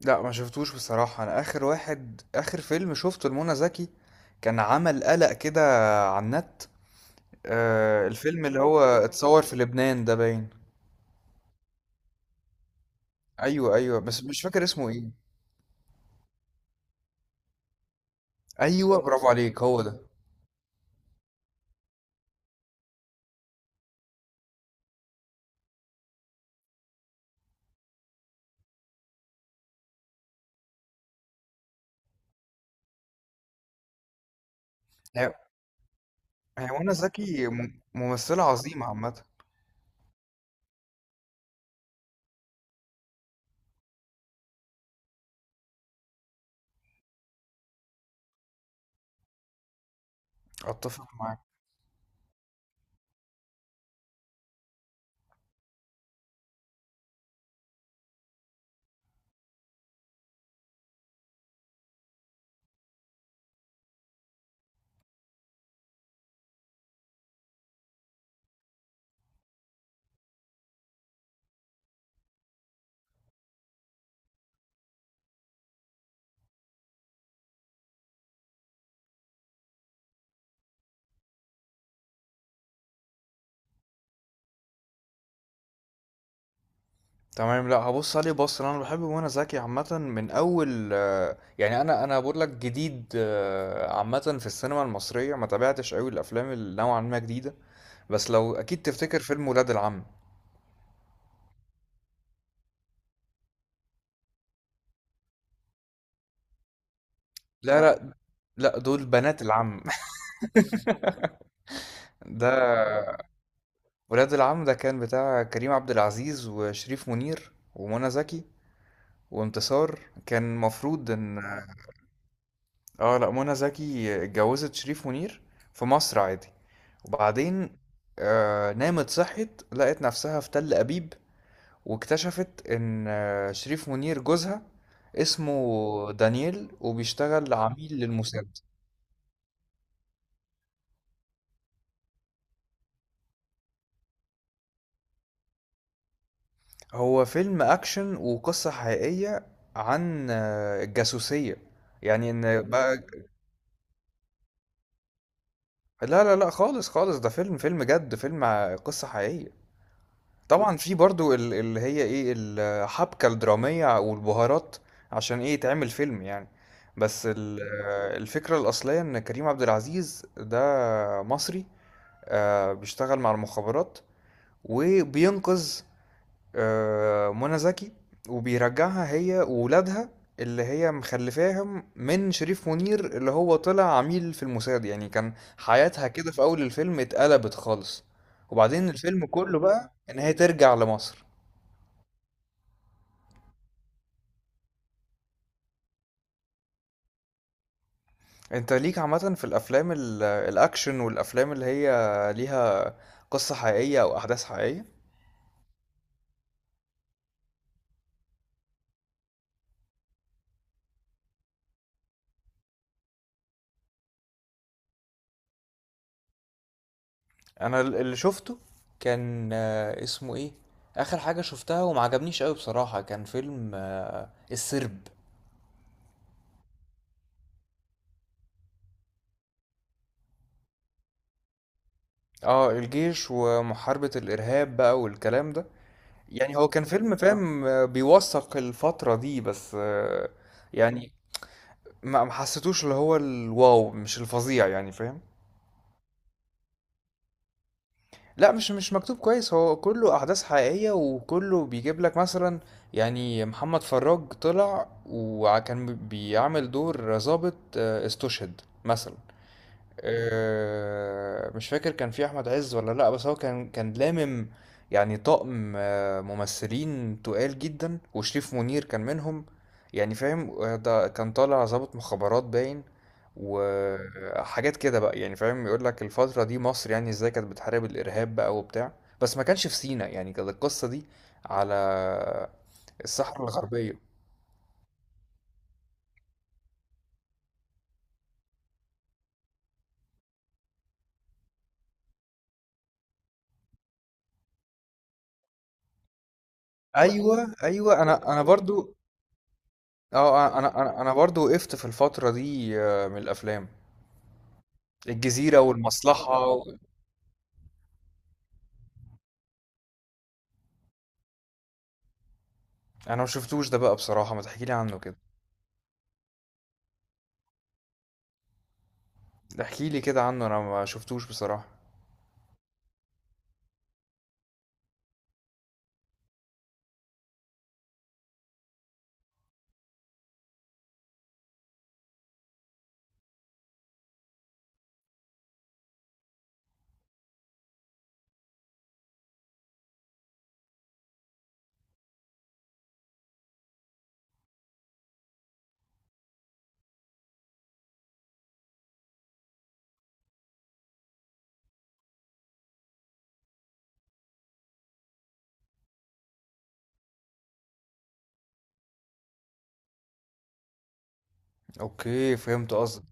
لا ما شفتوش بصراحة. انا اخر واحد، اخر فيلم شفته لمنى زكي كان عمل قلق كده على النت. الفيلم اللي هو اتصور في لبنان ده باين. ايوه ايوه، بس مش فاكر اسمه ايه. ايوه، برافو عليك، هو ده. هي هي منى زكي ممثلة عظيمة عامة. اتفق معاك تمام. لا هبص عليه، بص انا بحب منى زكي عامة من اول، يعني انا بقول لك جديد، عامة في السينما المصرية ما تابعتش قوي الافلام اللي نوعا ما جديدة. بس لو أكيد تفتكر فيلم ولاد العم. لا، اه لا، لا دول بنات العم ده ولاد العم ده كان بتاع كريم عبد العزيز وشريف منير ومنى زكي وانتصار. كان مفروض ان، اه لا، منى زكي اتجوزت شريف منير في مصر عادي، وبعدين آه نامت صحت لقت نفسها في تل أبيب، واكتشفت ان شريف منير جوزها اسمه دانيال وبيشتغل عميل للموساد. هو فيلم أكشن وقصة حقيقية عن الجاسوسية. يعني إن بقى، لا لا لا خالص خالص، ده فيلم فيلم جد، فيلم قصة حقيقية. طبعا في برضو اللي هي إيه الحبكة الدرامية والبهارات عشان إيه يتعمل فيلم يعني. بس الفكرة الأصلية إن كريم عبد العزيز ده مصري، بيشتغل مع المخابرات، وبينقذ منى زكي، وبيرجعها هي وولادها اللي هي مخلفاهم من شريف منير اللي هو طلع عميل في الموساد. يعني كان حياتها كده في أول الفيلم اتقلبت خالص، وبعدين الفيلم كله بقى إن هي ترجع لمصر. انت ليك عامة في الأفلام الأكشن والأفلام اللي هي ليها قصة حقيقية أو أحداث حقيقية. أنا اللي شفته كان، اسمه إيه، آخر حاجة شفتها ومعجبنيش أوي بصراحة كان فيلم السرب. اه الجيش ومحاربة الإرهاب بقى والكلام ده. يعني هو كان فيلم اه فاهم، بيوثق الفترة دي بس، يعني ما حسيتوش اللي هو الواو مش الفظيع يعني فاهم. لا مش، مش مكتوب كويس، هو كله أحداث حقيقية وكله بيجيب لك مثلا، يعني محمد فراج طلع وكان بيعمل دور ضابط استشهد مثلا. مش فاكر كان في احمد عز ولا لا، بس هو كان يعني طاقم ممثلين تقال جدا، وشريف منير كان منهم. يعني فاهم، ده كان طالع ضابط مخابرات باين، وحاجات كده بقى يعني فاهم. يقول لك الفترة دي مصر يعني ازاي كانت بتحارب الارهاب بقى وبتاع. بس ما كانش في سيناء يعني، كانت القصة دي على الصحراء الغربية. ايوه ايوه، انا برضو. اه، انا برضو وقفت في الفترة دي. من الافلام الجزيرة والمصلحة و... انا ما شفتوش ده بقى بصراحة، ما تحكيلي عنه كده. احكي لي كده عنه، انا ما شفتوش بصراحة. اوكي فهمت قصدك.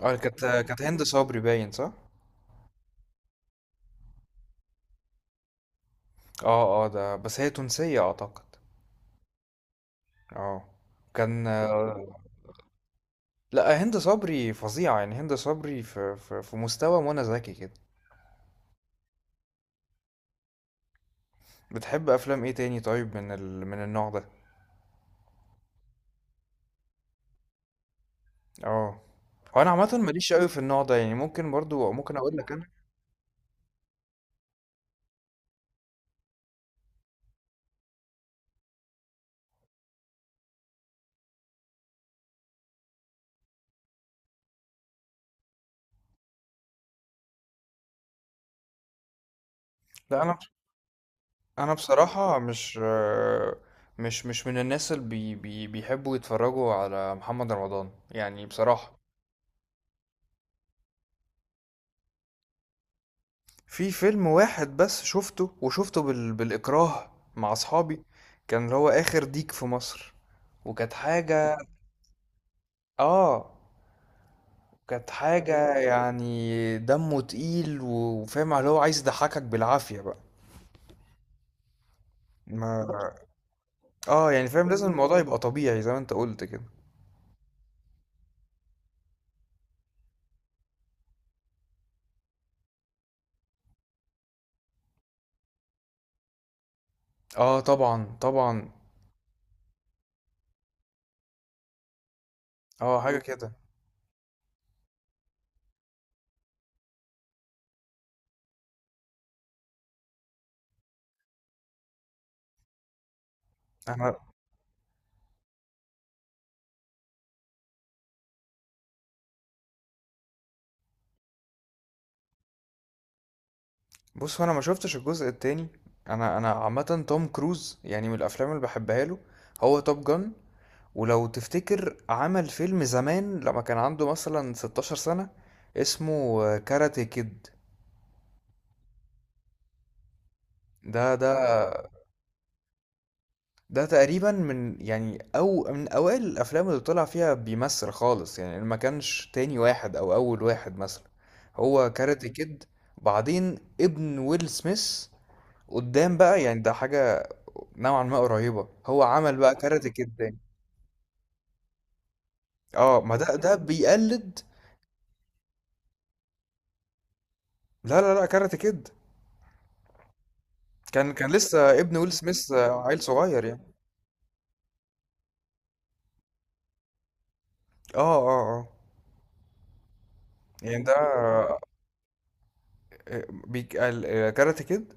اه كانت كانت هند صبري باين، صح؟ اه اه، ده بس هي تونسية اعتقد. اه، كان لا هند صبري فظيعة، يعني هند صبري في مستوى منى زكي كده. بتحب افلام ايه تاني طيب من ال... من النوع ده؟ آه. هو أنا عامةً ما ليش أوي في النوع ده، يعني ممكن برضه ممكن أقول لك أنا، لأ أنا، بصراحة مش مش من الناس اللي بي بي بيحبّوا يتفرّجوا على محمد رمضان، يعني بصراحة. في فيلم واحد بس شُفته، وشُفته بالإكراه مع أصحابي، كان اللي هو آخر ديك في مصر، وكانت حاجة آه. كانت حاجة يعني دمّه تقيل وفاهم اللي هو عايز يضحّكك بالعافية بقى. ما اه يعني فاهم لازم الموضوع يبقى طبيعي زي ما انت قلت كده. اه طبعا طبعا. اه حاجه كده. انا بص، هو انا ما شفتش الجزء التاني، انا عامه توم كروز يعني من الافلام اللي بحبها له هو توب جان. ولو تفتكر عمل فيلم زمان لما كان عنده مثلا 16 سنه اسمه كاراتي كيد. ده ده ده تقريبا من، يعني او من اوائل الافلام اللي طلع فيها بيمثل خالص، يعني ما كانش تاني واحد او اول واحد مثلا، هو كاراتي كيد. بعدين ابن ويل سميث قدام بقى، يعني ده حاجة نوعا ما قريبة، هو عمل بقى كاراتي كيد تاني. اه ما ده بيقلد. لا لا لا، كاراتي كيد. كان كان لسه ابن ويل سميث، عيل صغير يعني. اه اه اه. يعني ده، كاراتي كيد.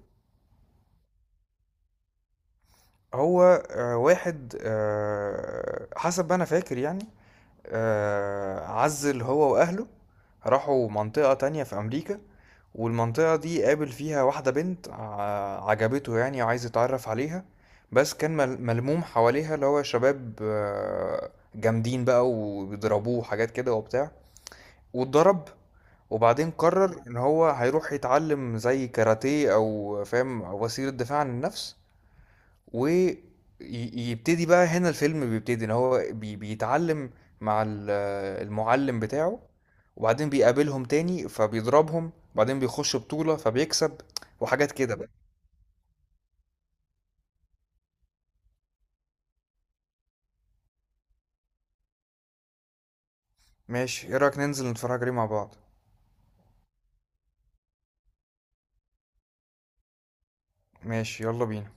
هو واحد، حسب ما انا فاكر يعني، عزل هو واهله، راحوا منطقة تانية في امريكا، والمنطقة دي قابل فيها واحدة بنت عجبته يعني وعايز يتعرف عليها، بس كان ملموم حواليها اللي هو شباب، جامدين بقى، وبيضربوه وحاجات كده وبتاع، واتضرب. وبعدين قرر ان هو هيروح يتعلم زي كاراتيه او فاهم وسيلة دفاع عن النفس، ويبتدي بقى. هنا الفيلم بيبتدي ان هو بيتعلم مع المعلم بتاعه، وبعدين بيقابلهم تاني فبيضربهم، وبعدين بيخش بطولة فبيكسب وحاجات كده بقى. ماشي، ايه رأيك ننزل نتفرج عليه مع بعض؟ ماشي، يلا بينا.